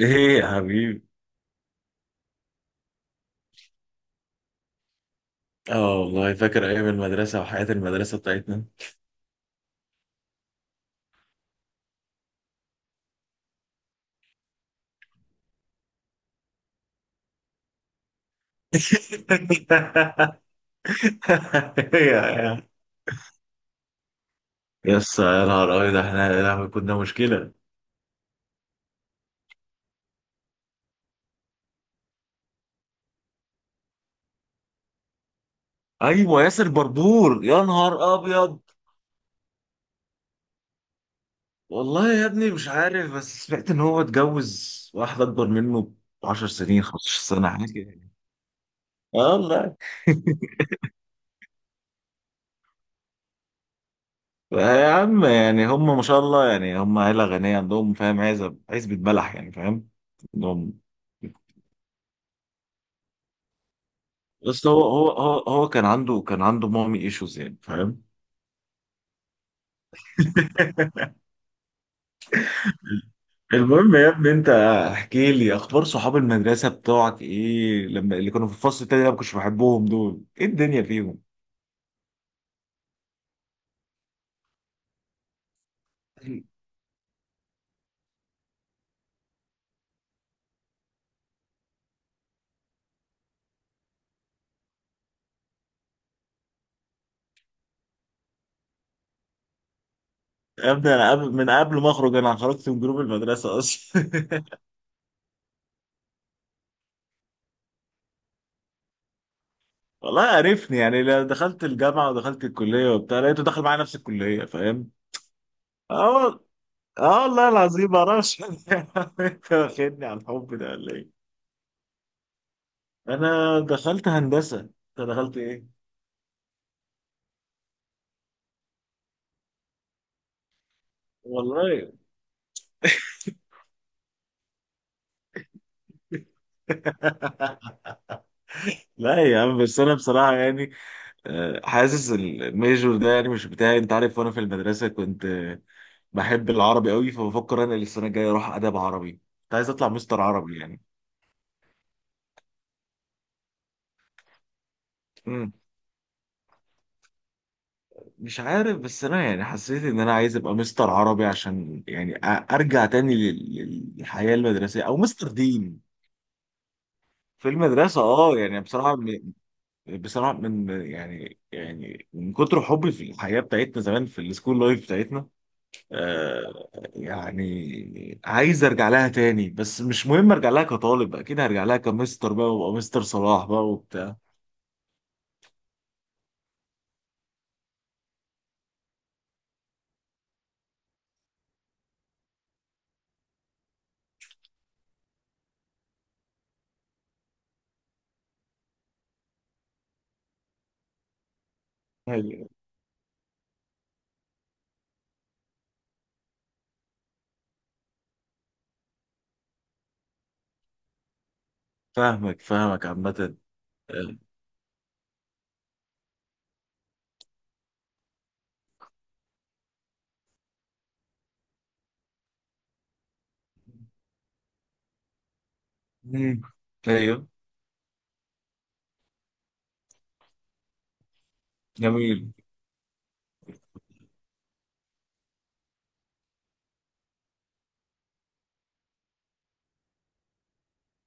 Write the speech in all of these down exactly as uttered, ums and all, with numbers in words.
ايه يا حبيبي. اه والله فاكر ايام المدرسه وحياه المدرسه بتاعتنا. يا يا يس، يا نهار ابيض، احنا يا لهوي كنا مشكله. ايوه ياسر بربور، يا نهار ابيض. والله يا ابني مش عارف، بس سمعت ان هو اتجوز واحده اكبر منه ب عشر سنين، خمس عشرة سنه، حاجه كده. اه والله. يا عم يعني هم ما شاء الله، يعني هم عيله غنيه، عندهم فاهم، عزب، عزبه بلح، يعني فاهم عندهم. بس هو هو هو هو كان عنده كان عنده مامي ايشوز، يعني فاهم. المهم يا ابني انت احكي لي اخبار صحاب المدرسه بتوعك، ايه لما اللي كانوا في الفصل التاني اللي انا ما كنتش بحبهم دول، ايه الدنيا فيهم؟ يا ابني انا قبل من قبل ما اخرج انا خرجت من جروب المدرسه اصلا. والله عرفني يعني، لا دخلت الجامعه ودخلت الكليه وبتاع لقيته داخل معايا نفس الكليه، فاهم؟ اه وال- اه والله العظيم ما اعرفش. انت واخدني على الحب ده ولا ايه؟ انا دخلت هندسه، انت دخلت ايه؟ والله. لا يا عم، بس انا بصراحه يعني آه، حاسس الميجور ده يعني مش بتاعي، انت عارف. وانا في المدرسه كنت آه، بحب العربي قوي، فبفكر انا السنه الجايه اروح ادب عربي. كنت عايز اطلع مستر عربي يعني. مم. مش عارف، بس انا يعني حسيت ان انا عايز ابقى مستر عربي عشان يعني أ- ارجع تاني لل- للحياه المدرسيه او مستر دين في المدرسه. اه يعني بصراحه م- بصراحه من يعني يعني من كتر حبي في الحياه بتاعتنا زمان، في السكول لايف بتاعتنا. آه، يعني عايز ارجع لها تاني، بس مش مهم ارجع لها كطالب، اكيد هرجع لها كمستر بقى وابقى مستر صلاح بقى وبتاع. أيوة، فاهمك فاهمك عامة. آه، مم. ايوه. جميل.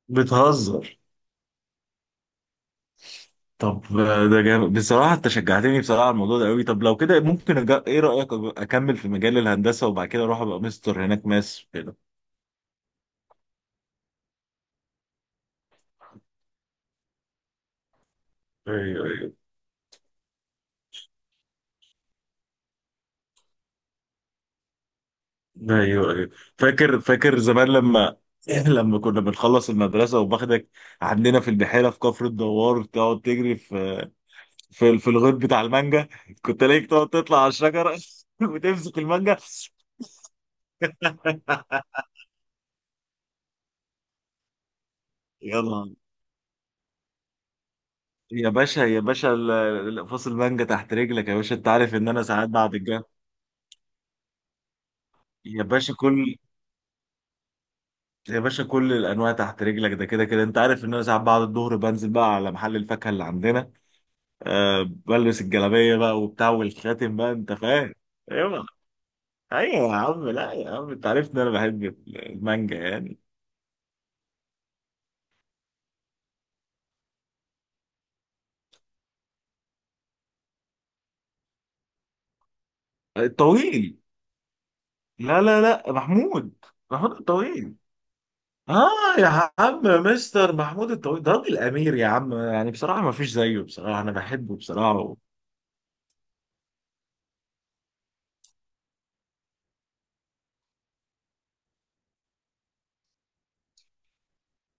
بتهزر. طب آه، ده جامد بصراحة، انت شجعتني بصراحة على الموضوع ده قوي. طب لو كده ممكن أج... ايه رأيك أج- اكمل في مجال الهندسة وبعد كده اروح ابقى مستر هناك ماس كده. ايوه ايوه ايوه ايوه. فاكر فاكر زمان لما لما كنا بنخلص المدرسه وباخدك عندنا في البحيره في كفر الدوار تقعد تجري في في في الغيط بتاع المانجا. كنت الاقيك تقعد تطلع على الشجره وتمسك المانجا. يلا. يا باشا يا باشا، ال- ال- فصل المانجا تحت رجلك يا باشا، انت عارف ان انا ساعات بعد الجامعه. يا باشا كل يا باشا كل الانواع تحت رجلك، ده كده كده انت عارف ان انا ساعات بعد الظهر بنزل بقى على محل الفاكهه اللي عندنا. آه بلبس الجلابيه بقى وبتاع والخاتم بقى، انت فاهم. ايوه. ايوه يا عم، لا يا عم انت عارف ان انا بحب المانجا يعني. آه، الطويل. لا لا لا، محمود. محمود الطويل. اه. يا عم مستر محمود الطويل ده راجل امير يا عم، يعني بصراحه ما فيش زيه، بصراحه انا بحبه بصراحه.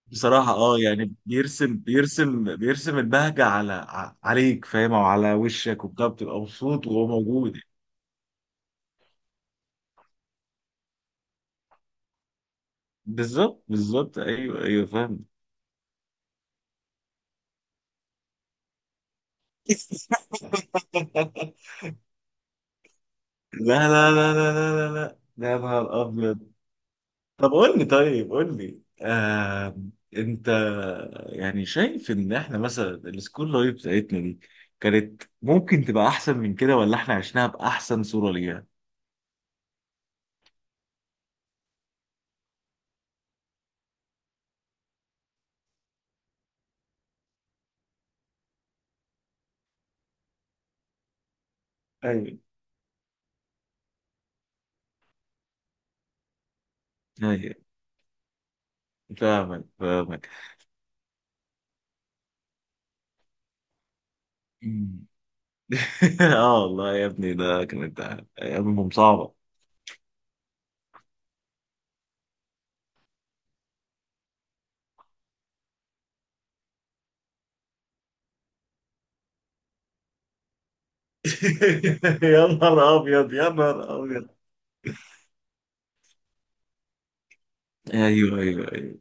بصراحه اه، يعني بيرسم بيرسم بيرسم البهجه على ع- عليك، فاهم؟ او على وشك وبتاع، بتبقى مبسوط وهو موجود. بالظبط بالظبط. ايوه ايوه فاهم. لا لا لا لا لا لا لا، ده يا نهار ابيض. طب قول لي، طيب قول لي، آه انت يعني شايف ان احنا مثلا السكول لايف بتاعتنا دي كانت ممكن تبقى احسن من كده، ولا احنا عشناها باحسن صورة ليها؟ ايوه ايوه. فاهمك فاهمك. مم. اه والله يا ابني ده كانت ايامهم صعبة. يا نهار ابيض يا نهار ابيض. ايوه ايوه ايوه.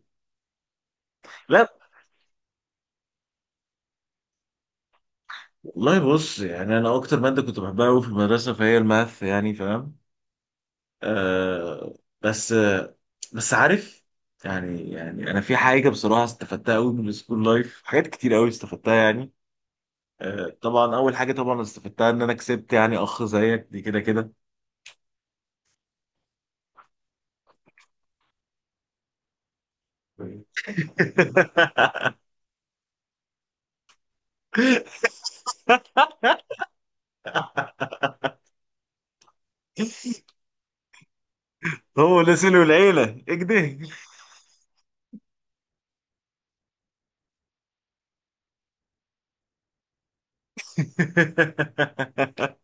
لا. والله بص يعني انا اكتر ماده كنت بحبها قوي في المدرسه فهي الماث، يعني فاهم. آه. بس آه، بس عارف يعني، يعني انا في حاجه بصراحه استفدتها قوي من السكول لايف، حاجات كتير قوي استفدتها يعني. آه طبعا، اول حاجه طبعا استفدتها ان انا كسبت يعني اخ زيك دي كده كده. هو اللي سلو العيله اكده.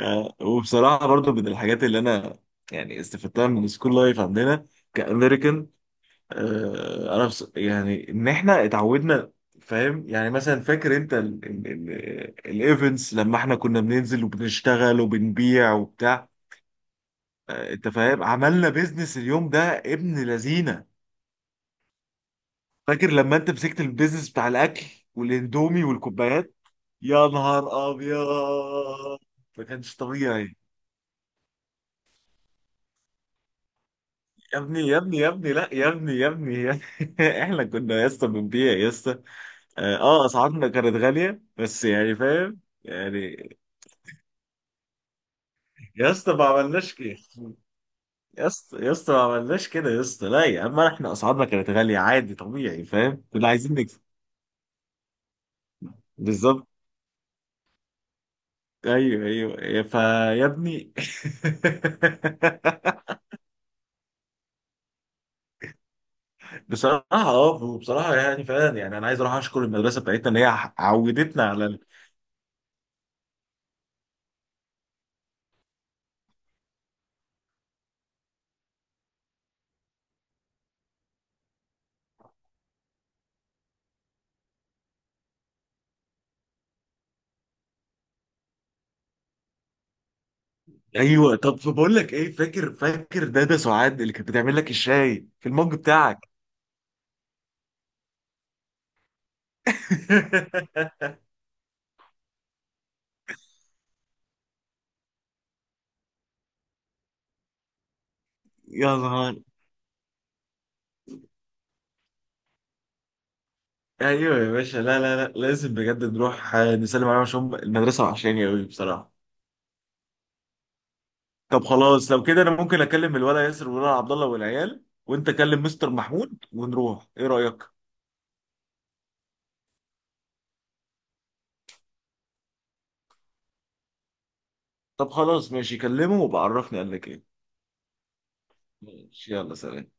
آه، وبصراحة برضو من الحاجات اللي أنا يعني استفدتها من السكول لايف عندنا كأمريكان، آه، أنا بص... يعني إن إحنا اتعودنا، فاهم. يعني مثلا فاكر أنت الإيفنتس لما إحنا كنا بننزل وبنشتغل وبنبيع وبتاع. آه، أنت فاهم عملنا بيزنس اليوم ده، ابن لذينة. فاكر لما أنت مسكت البيزنس بتاع الأكل والإندومي والكوبايات. يا نهار أبيض. ما كانش طبيعي. يا ابني يا ابني يا ابني، لا يا ابني يا ابني يا ابني. احنا كنا يا اسطى بنبيع يا اسطى. اه آه، اسعارنا كانت غاليه، بس يعني فاهم يعني. يا اسطى ما عملناش كده يا اسطى، يا اسطى ما عملناش كده يا اسطى، لا يا عم احنا اسعارنا كانت غاليه عادي طبيعي، فاهم، كنا عايزين نكسب. بالظبط. ايوه ايوه فيا ابني. بصراحه اه، بصراحه يعني فعلا، يعني انا عايز اروح اشكر المدرسه بتاعتنا ان هي عودتنا على... ايوه. طب بقول لك ايه، فاكر فاكر دادا سعاد اللي كانت بتعمل لك الشاي في المج بتاعك. يا نهار. ايوه يا باشا، لا لا لا لازم بجد نروح آه، نسلم عليهم، عشان هم المدرسه وحشاني قوي بصراحه. طب خلاص لو كده انا ممكن اكلم الولا ياسر والولا عبد الله والعيال، وانت كلم مستر محمود، ونروح، ايه رايك؟ طب خلاص ماشي، كلمه وبعرفني قال لك ايه. ماشي يلا، سلام.